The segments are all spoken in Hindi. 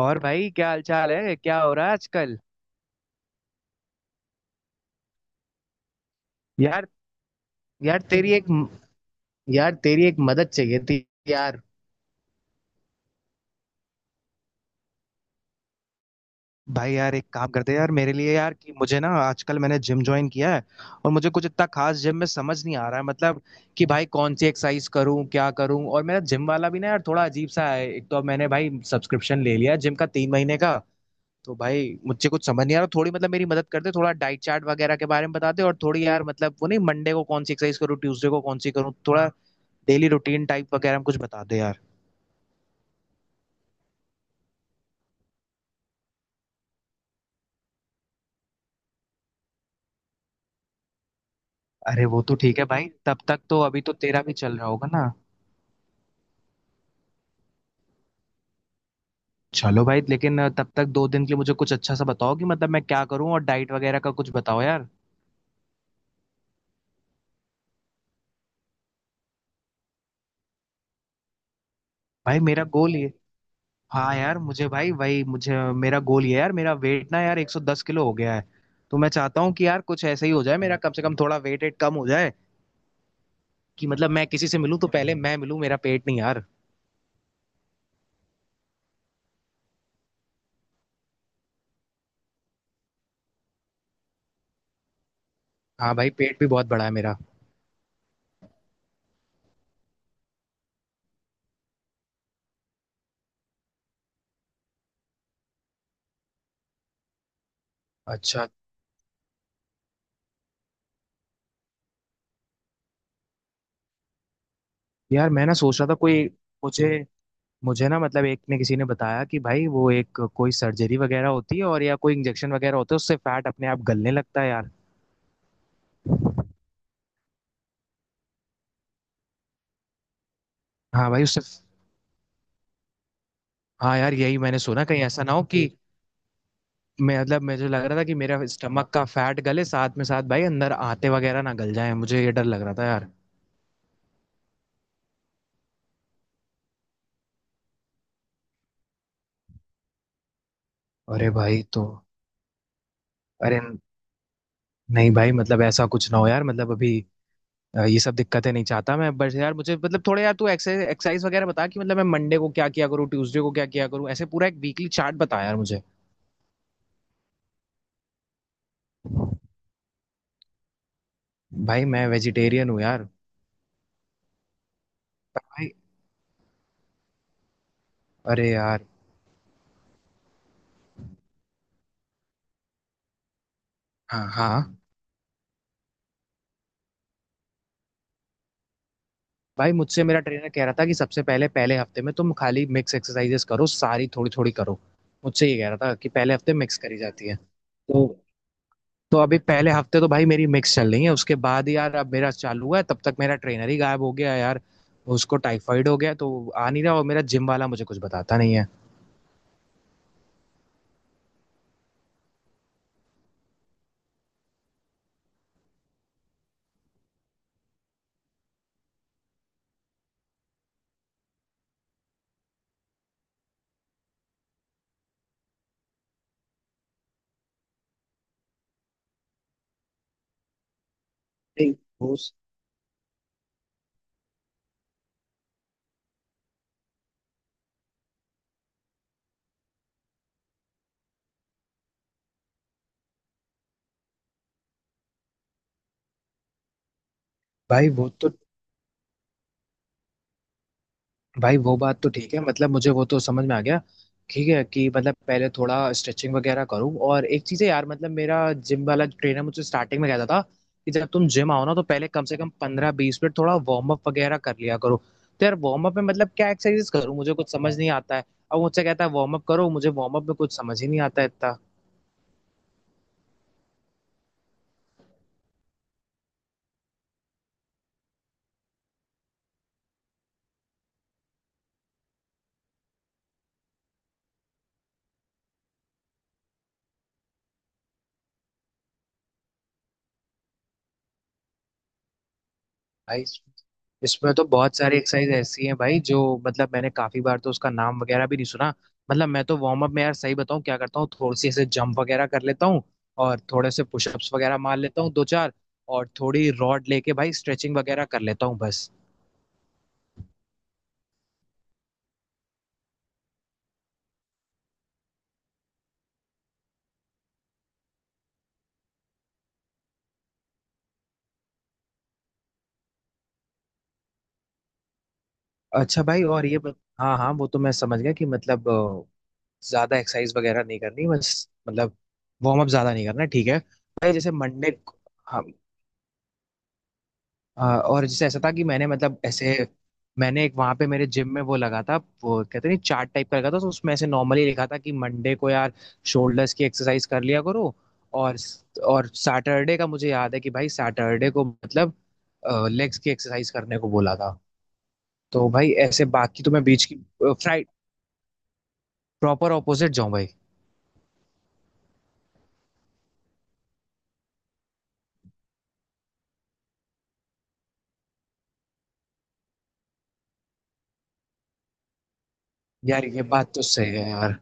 और भाई क्या हाल चाल है क्या हो रहा है आजकल? यार, यार तेरी एक यार तेरी एक मदद चाहिए थी यार। भाई यार एक काम करते हैं यार मेरे लिए यार, कि मुझे ना आजकल मैंने जिम ज्वाइन किया है। और मुझे कुछ इतना खास जिम में समझ नहीं आ रहा है, मतलब कि भाई कौन सी एक्सरसाइज करूं, क्या करूं? और मेरा जिम वाला भी ना यार थोड़ा अजीब सा है। एक तो अब मैंने भाई सब्सक्रिप्शन ले लिया है जिम का तीन महीने का। तो भाई मुझे कुछ समझ नहीं आ रहा थोड़ी, मतलब मेरी मदद करते, थोड़ा डाइट चार्ट वगैरह के बारे में बताते, और थोड़ी यार मतलब वो नहीं, मंडे को कौन सी एक्सरसाइज करूँ, ट्यूसडे को कौन सी करूँ, थोड़ा डेली रूटीन टाइप वगैरह में कुछ बता दे यार। अरे वो तो ठीक है भाई, तब तक तो अभी तो तेरा भी चल रहा होगा ना। चलो भाई लेकिन तब तक दो दिन के लिए मुझे कुछ अच्छा सा बताओ कि मतलब मैं क्या करूं, और डाइट वगैरह का कुछ बताओ यार। भाई मेरा गोल ये हाँ, यार मुझे भाई वही मुझे मेरा गोल ये है यार, मेरा वेट ना यार 110 किलो हो गया है। तो मैं चाहता हूँ कि यार कुछ ऐसा ही हो जाए मेरा, कम से कम थोड़ा वेट वेट कम हो जाए। कि मतलब मैं किसी से मिलूं तो पहले मैं मिलूं, मेरा पेट नहीं यार। हाँ भाई पेट भी बहुत बड़ा है मेरा। अच्छा यार मैं ना सोच रहा था कोई। मुझे मुझे ना, मतलब एक ने किसी ने बताया कि भाई वो एक कोई सर्जरी वगैरह होती है, और या कोई इंजेक्शन वगैरह होता है, उससे फैट अपने आप गलने लगता है यार। हाँ भाई उससे। हाँ यार यही मैंने सुना, कहीं ऐसा ना हो कि मैं मतलब मुझे लग रहा था कि मेरा स्टमक का फैट गले, साथ में साथ भाई अंदर आते वगैरह ना गल जाए, मुझे ये डर लग रहा था यार। अरे भाई तो अरे, नहीं भाई मतलब ऐसा कुछ ना हो यार, मतलब अभी ये सब दिक्कतें नहीं चाहता मैं। बस यार मुझे मतलब थोड़े, यार तू एक्सरसाइज एक्सरसाइज वगैरह बता कि मतलब मैं मंडे को क्या किया करूँ, ट्यूसडे को क्या किया करूँ, ऐसे पूरा एक वीकली चार्ट बता यार मुझे। भाई मैं वेजिटेरियन हूँ यार। पर भाई अरे यार हाँ हाँ भाई, मुझसे मेरा ट्रेनर कह रहा था कि सबसे पहले पहले हफ्ते में तुम खाली मिक्स एक्सरसाइजेस करो, सारी थोड़ी थोड़ी करो। मुझसे ये कह रहा था कि पहले हफ्ते मिक्स करी जाती है। तो तो अभी पहले हफ्ते तो भाई मेरी मिक्स चल रही है, उसके बाद यार अब मेरा चालू हुआ है तब तक मेरा ट्रेनर ही गायब हो गया यार। उसको टाइफाइड हो गया तो आ नहीं रहा, और मेरा जिम वाला मुझे कुछ बताता नहीं है। नहीं, वो भाई वो तो भाई वो बात तो ठीक है, मतलब मुझे वो तो समझ में आ गया। ठीक है कि मतलब पहले थोड़ा स्ट्रेचिंग वगैरह करूँ, और एक चीज़ है यार मतलब मेरा जिम वाला ट्रेनर मुझे स्टार्टिंग में कहता था कि जब तुम जिम आओ ना तो पहले कम से कम पंद्रह बीस मिनट थोड़ा वार्म अप वगैरह कर लिया करो। तो यार वार्म अप में मतलब क्या एक्सरसाइज करूँ, मुझे कुछ समझ नहीं आता है। अब मुझसे कहता है वार्म अप करो, मुझे वार्म अप में कुछ समझ ही नहीं आता है इतना। भाई इसमें तो बहुत सारी एक्सरसाइज ऐसी हैं भाई जो, मतलब मैंने काफी बार तो उसका नाम वगैरह भी नहीं सुना। मतलब मैं तो वार्म अप में यार सही बताऊं क्या करता हूँ, थोड़ी सी ऐसे जंप वगैरह कर लेता हूँ, और थोड़े से पुशअप्स वगैरह मार लेता हूँ दो चार, और थोड़ी रॉड लेके भाई स्ट्रेचिंग वगैरह कर लेता हूँ बस। अच्छा भाई और ये हाँ हाँ, वो तो मैं समझ गया कि मतलब ज्यादा एक्सरसाइज वगैरह नहीं करनी बस, मतलब वार्म अप ज्यादा नहीं करना। ठीक है भाई, जैसे मंडे। और जैसे ऐसा था कि मैंने मतलब ऐसे मैंने एक वहां पे मेरे जिम में वो लगा था, वो कहते नहीं चार्ट टाइप का लगा था, तो उसमें ऐसे नॉर्मली लिखा था कि मंडे को यार शोल्डर्स की एक्सरसाइज कर लिया करो। और और सैटरडे का मुझे याद है कि भाई सैटरडे को मतलब लेग्स की एक्सरसाइज करने को बोला था। तो भाई ऐसे बाकी तो मैं बीच की फ्राइड, प्रॉपर ऑपोजिट जाऊं भाई? यार ये बात तो सही है यार।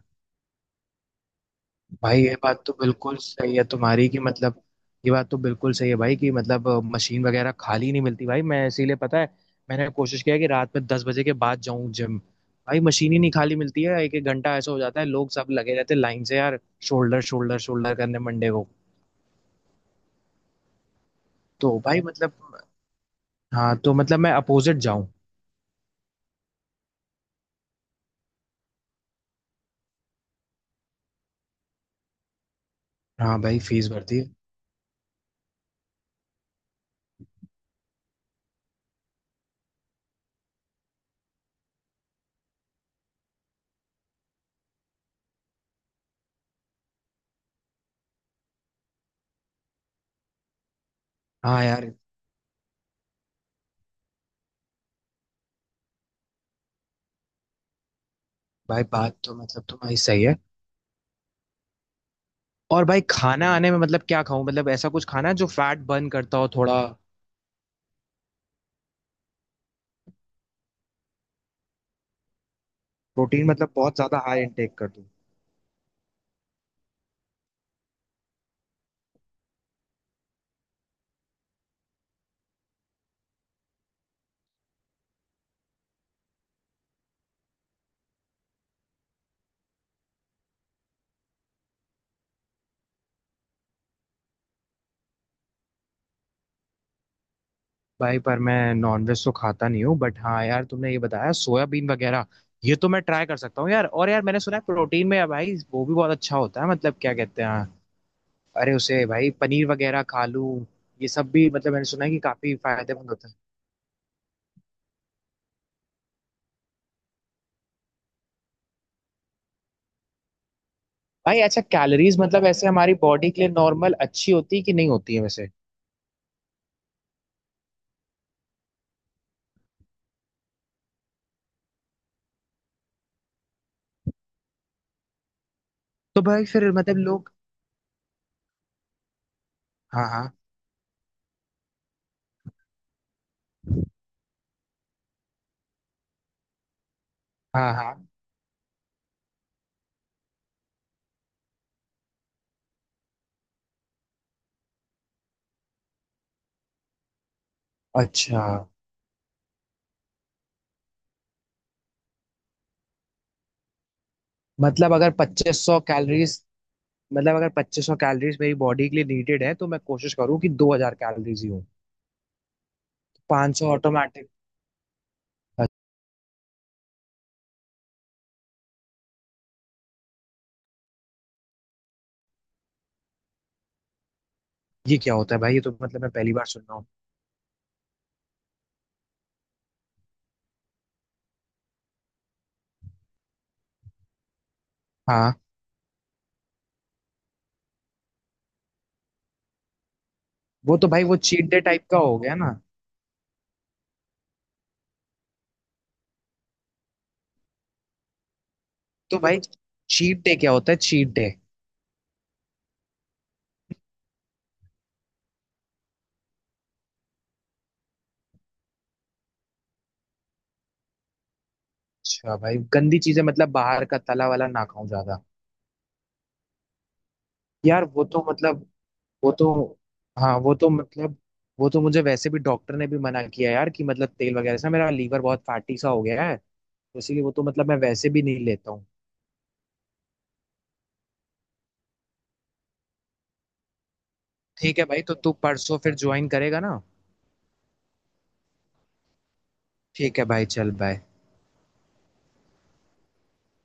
भाई ये बात तो बिल्कुल सही है तुम्हारी कि मतलब, ये बात तो बिल्कुल सही है भाई कि मतलब मशीन वगैरह खाली नहीं मिलती भाई, मैं इसीलिए पता है मैंने कोशिश किया है कि रात में दस बजे के बाद जाऊं जिम। भाई मशीन ही नहीं खाली मिलती है, एक एक घंटा ऐसा हो जाता है, लोग सब लगे रहते हैं लाइन से यार। शोल्डर शोल्डर शोल्डर करने मंडे को। तो भाई मतलब हाँ, तो मतलब मैं अपोजिट जाऊं। हाँ भाई फीस भरती है। हाँ यार। भाई बात तो मतलब तुम्हारी सही है। और भाई खाना आने में मतलब क्या खाऊं, मतलब ऐसा कुछ खाना है जो फैट बर्न करता हो थोड़ा? प्रोटीन मतलब बहुत ज्यादा हाई इनटेक कर दूं? भाई पर मैं नॉनवेज तो खाता नहीं हूँ, बट हाँ यार तुमने ये बताया सोयाबीन वगैरह, ये तो मैं ट्राई कर सकता हूँ यार। और यार मैंने सुना है प्रोटीन में भाई वो भी बहुत अच्छा होता है, मतलब क्या कहते हैं, अरे उसे भाई पनीर वगैरह खा लूं, ये सब भी मतलब मैंने सुना है कि काफी फायदेमंद होता है। भाई अच्छा कैलोरीज मतलब ऐसे हमारी बॉडी के लिए नॉर्मल अच्छी होती है कि नहीं होती है वैसे? तो भाई फिर मतलब लोग। हाँ हाँ, हाँ हाँ, अच्छा, मतलब अगर पच्चीस सौ कैलोरीज, मतलब अगर 2500 कैलोरीज मेरी बॉडी के लिए नीडेड है तो मैं कोशिश करूँ कि 2000 कैलोरीज ही हो, 500 ऑटोमेटिक। ये क्या होता है भाई, ये तो मतलब मैं पहली बार सुन रहा हूँ। हाँ वो तो भाई वो चीट डे टाइप का हो गया ना। तो भाई चीट डे क्या होता है चीट डे? अच्छा भाई गंदी चीजें मतलब बाहर का तला वाला ना खाऊं ज्यादा? यार, वो तो मतलब वो तो हाँ, वो तो मुझे वैसे भी डॉक्टर ने भी मना किया यार कि मतलब तेल वगैरह से मेरा लीवर बहुत फैटी सा हो गया है, तो इसीलिए वो तो मतलब मैं वैसे भी नहीं लेता हूँ। ठीक है भाई, तो तू परसों फिर ज्वाइन करेगा ना? ठीक है भाई चल बाय।